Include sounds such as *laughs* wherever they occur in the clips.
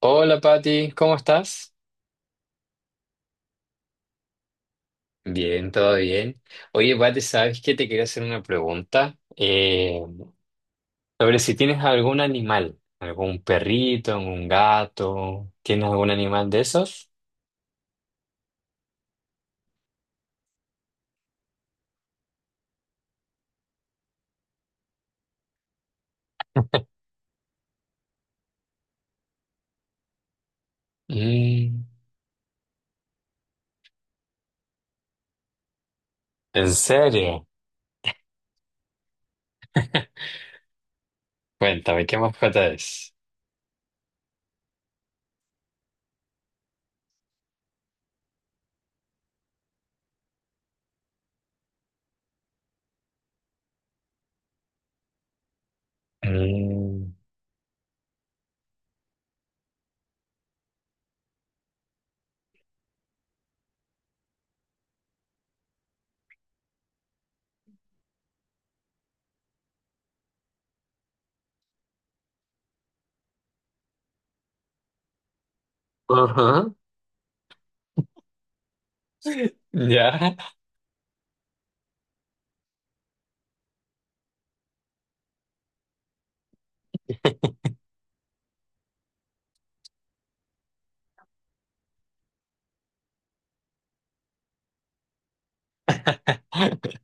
Hola Patti, ¿cómo estás? Bien, todo bien. Oye, Pati, ¿sabes qué? Te quería hacer una pregunta sobre si tienes algún animal, algún perrito, un gato, ¿tienes algún animal de esos? Mm, ¿en serio? *laughs* Cuéntame, ¿qué mascota es? Mm, ajá, ¿ya? *laughs*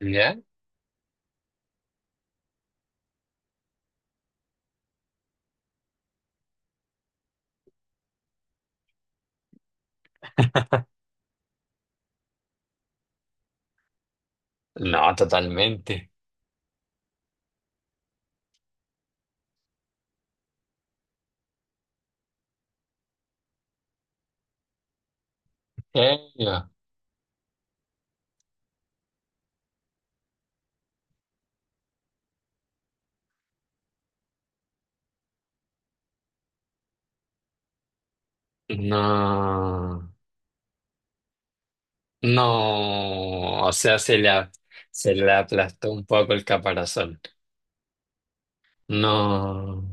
¿Ya? No, totalmente. ¿En serio? No. No, o sea, se le aplastó un poco el caparazón. No.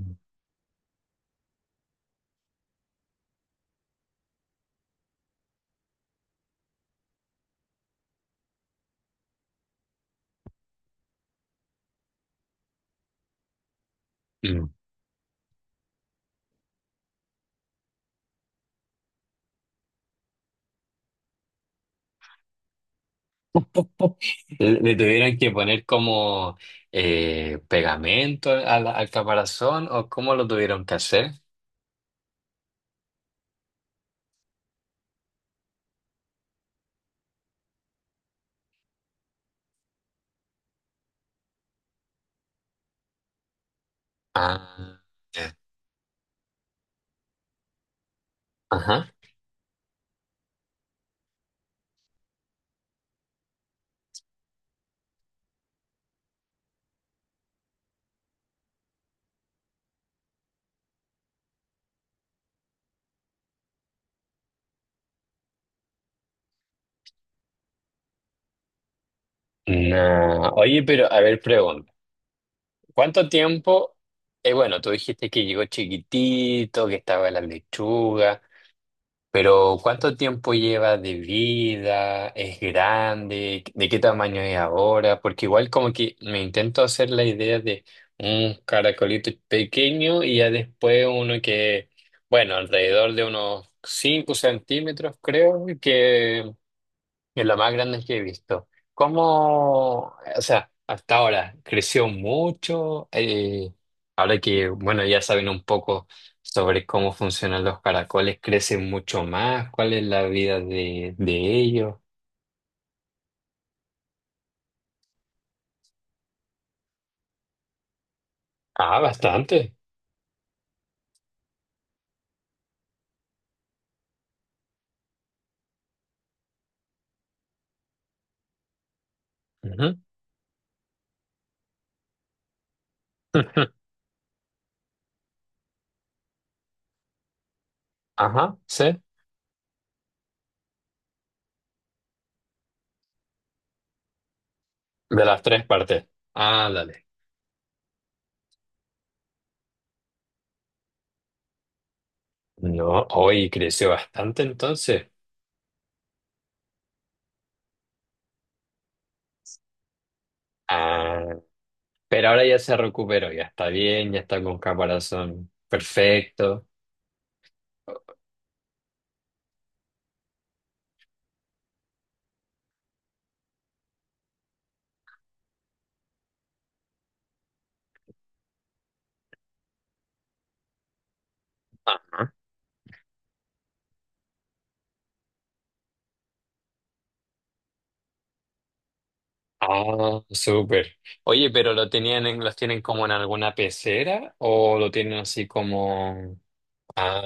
Mm. *laughs* Le tuvieron que poner como pegamento al caparazón o cómo lo tuvieron que hacer. Ah, ya. Ajá. No. Oye, pero a ver, pregunta. ¿Cuánto tiempo? Bueno, tú dijiste que llegó chiquitito, que estaba la lechuga. Pero ¿cuánto tiempo lleva de vida? ¿Es grande? ¿De qué tamaño es ahora? Porque igual como que me intento hacer la idea de un caracolito pequeño y ya después uno que, bueno, alrededor de unos 5 centímetros creo, que es lo más grande que he visto. ¿Cómo, o sea, hasta ahora creció mucho? Ahora que, bueno, ya saben un poco sobre cómo funcionan los caracoles, ¿crecen mucho más? ¿Cuál es la vida de ellos? Ah, bastante. Ujú. *laughs* Ajá, sí. De las tres partes. Ah, dale. No, hoy creció bastante entonces. Ah, pero ahora ya se recuperó, ya está bien, ya está con caparazón perfecto. Ah, súper. Oye, pero lo tenían los tienen como en alguna pecera o lo tienen así como. Ah,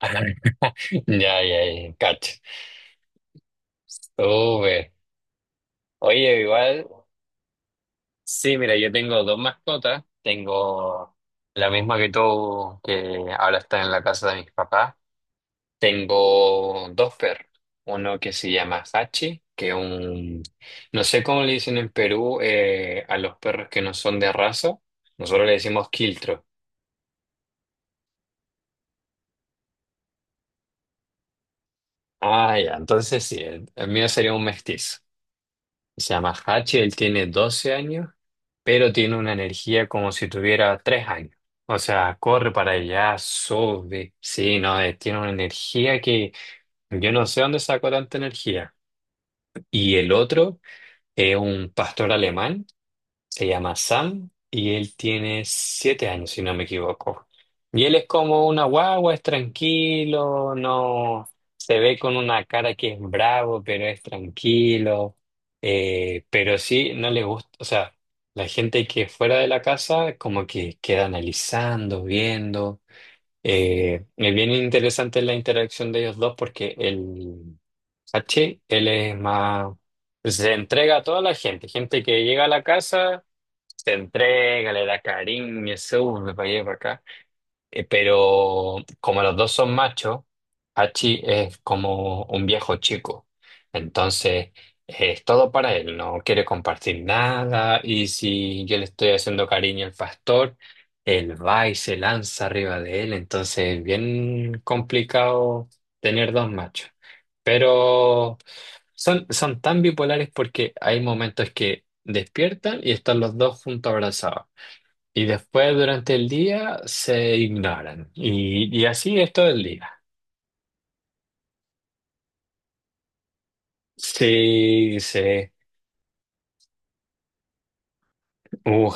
ah, *laughs* ya, ya, ya, cacho. Súper. Oye, igual, sí, mira, yo tengo dos mascotas. Tengo la misma que tú, que ahora está en la casa de mis papás. Tengo dos perros. Uno que se llama Hachi, que es un. No sé cómo le dicen en Perú a los perros que no son de raza. Nosotros le decimos quiltro. Ah, ya, entonces sí, el mío sería un mestizo. Se llama Hachi, él tiene 12 años, pero tiene una energía como si tuviera 3 años. O sea, corre para allá, sube. Sí, no, tiene una energía que yo no sé dónde sacó tanta energía. Y el otro es un pastor alemán. Se llama Sam y él tiene 7 años, si no me equivoco. Y él es como una guagua, es tranquilo, no se ve con una cara que es bravo, pero es tranquilo. Pero sí, no le gusta, o sea, la gente que fuera de la casa como que queda analizando, viendo. Es bien interesante la interacción de ellos dos porque el ¿Cachai? Él es más. Pues, se entrega a toda la gente, gente que llega a la casa, se entrega, le da cariño, se sube para allá y para acá. Pero como los dos son machos, Hachi es como un viejo chico. Entonces, es todo para él, no quiere compartir nada. Y si yo le estoy haciendo cariño al pastor, él va y se lanza arriba de él. Entonces, es bien complicado tener dos machos. Pero son tan bipolares porque hay momentos que despiertan y están los dos juntos abrazados y después durante el día se ignoran. Y así es todo el día. Sí, sí.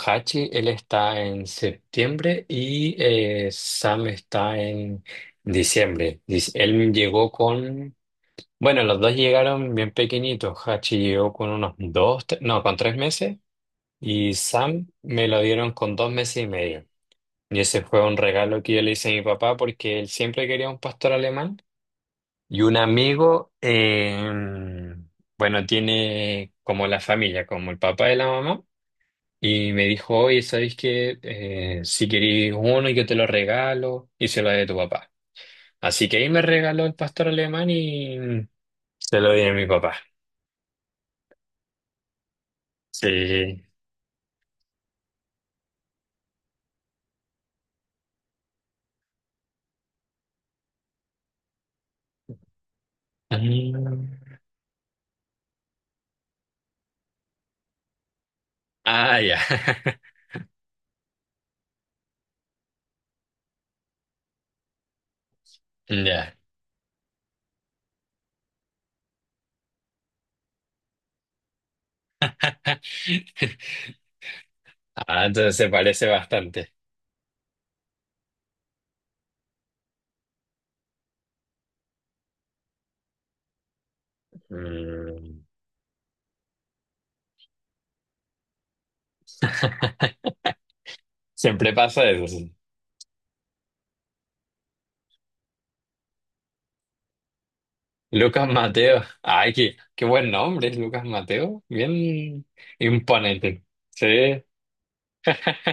Hachi, él está en septiembre y Sam está en diciembre. Dice, él llegó bueno, los dos llegaron bien pequeñitos. Hachi llegó con unos no, con 3 meses y Sam me lo dieron con 2 meses y medio. Y ese fue un regalo que yo le hice a mi papá porque él siempre quería un pastor alemán. Y un amigo, bueno, tiene como la familia, como el papá de la mamá, y me dijo, oye, ¿sabéis qué? Si queréis uno, yo te lo regalo y se lo doy a tu papá. Así que ahí me regaló el pastor alemán y se lo di a mi papá. Sí. Mm. Ah, ya. *laughs* Ya. *laughs* Ah, entonces se parece bastante. Mm. *laughs* Siempre pasa eso, sí. Lucas Mateo. Ay, qué buen nombre, Lucas Mateo. Bien imponente. Sí. *laughs*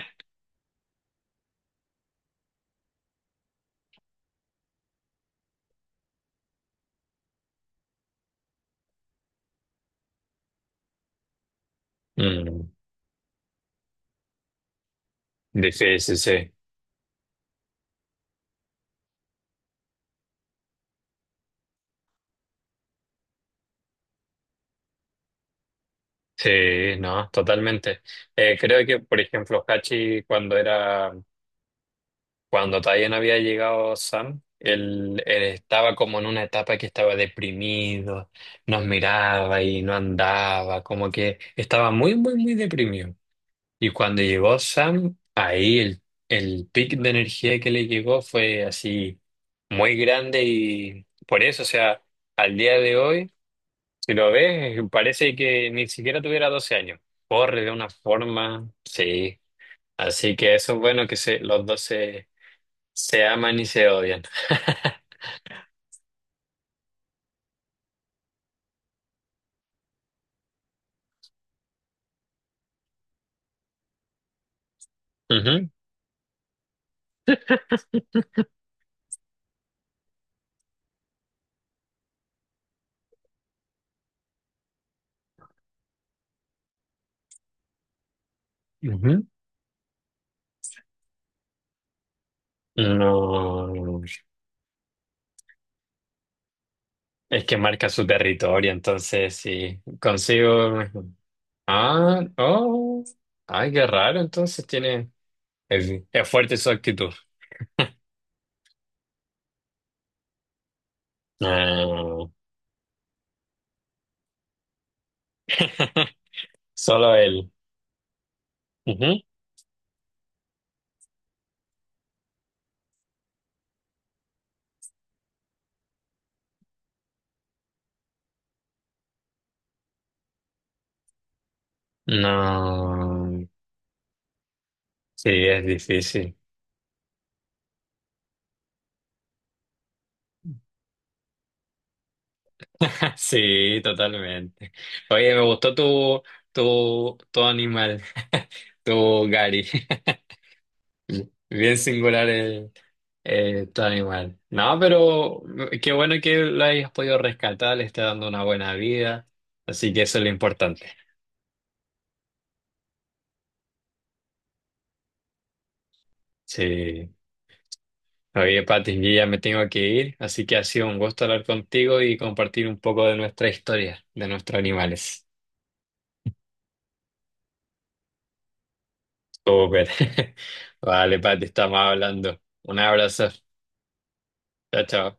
Mm, sí, sí, sí. Sí, no, totalmente. Creo que, por ejemplo, Hachi, cuando era, cuando todavía no había llegado Sam, él estaba como en una etapa que estaba deprimido, nos miraba y no andaba, como que estaba muy, muy, muy deprimido. Y cuando llegó Sam, ahí el pic de energía que le llegó fue así muy grande y por eso, o sea, al día de hoy, si lo ves, parece que ni siquiera tuviera 12 años. Corre de una forma, sí. Así que eso es bueno que los dos se aman y se odian. *laughs* Ujú, ujú. No, es que marca su territorio, entonces sí, consigo. Ah, oh. Ay, qué raro, entonces tiene. Es fuerte su actitud. ¿No? *laughs* Solo él. Ujú. No. Sí, es difícil. *laughs* Sí, totalmente. Oye, me gustó tu, animal, *laughs* tu Gary. *laughs* Bien singular tu animal. No, pero qué bueno que lo hayas podido rescatar, le está dando una buena vida. Así que eso es lo importante. Sí. Oye, Pati, yo ya me tengo que ir, así que ha sido un gusto hablar contigo y compartir un poco de nuestra historia, de nuestros animales. Súper. *laughs* Vale, Pati, estamos hablando. Un abrazo. Chao, chao.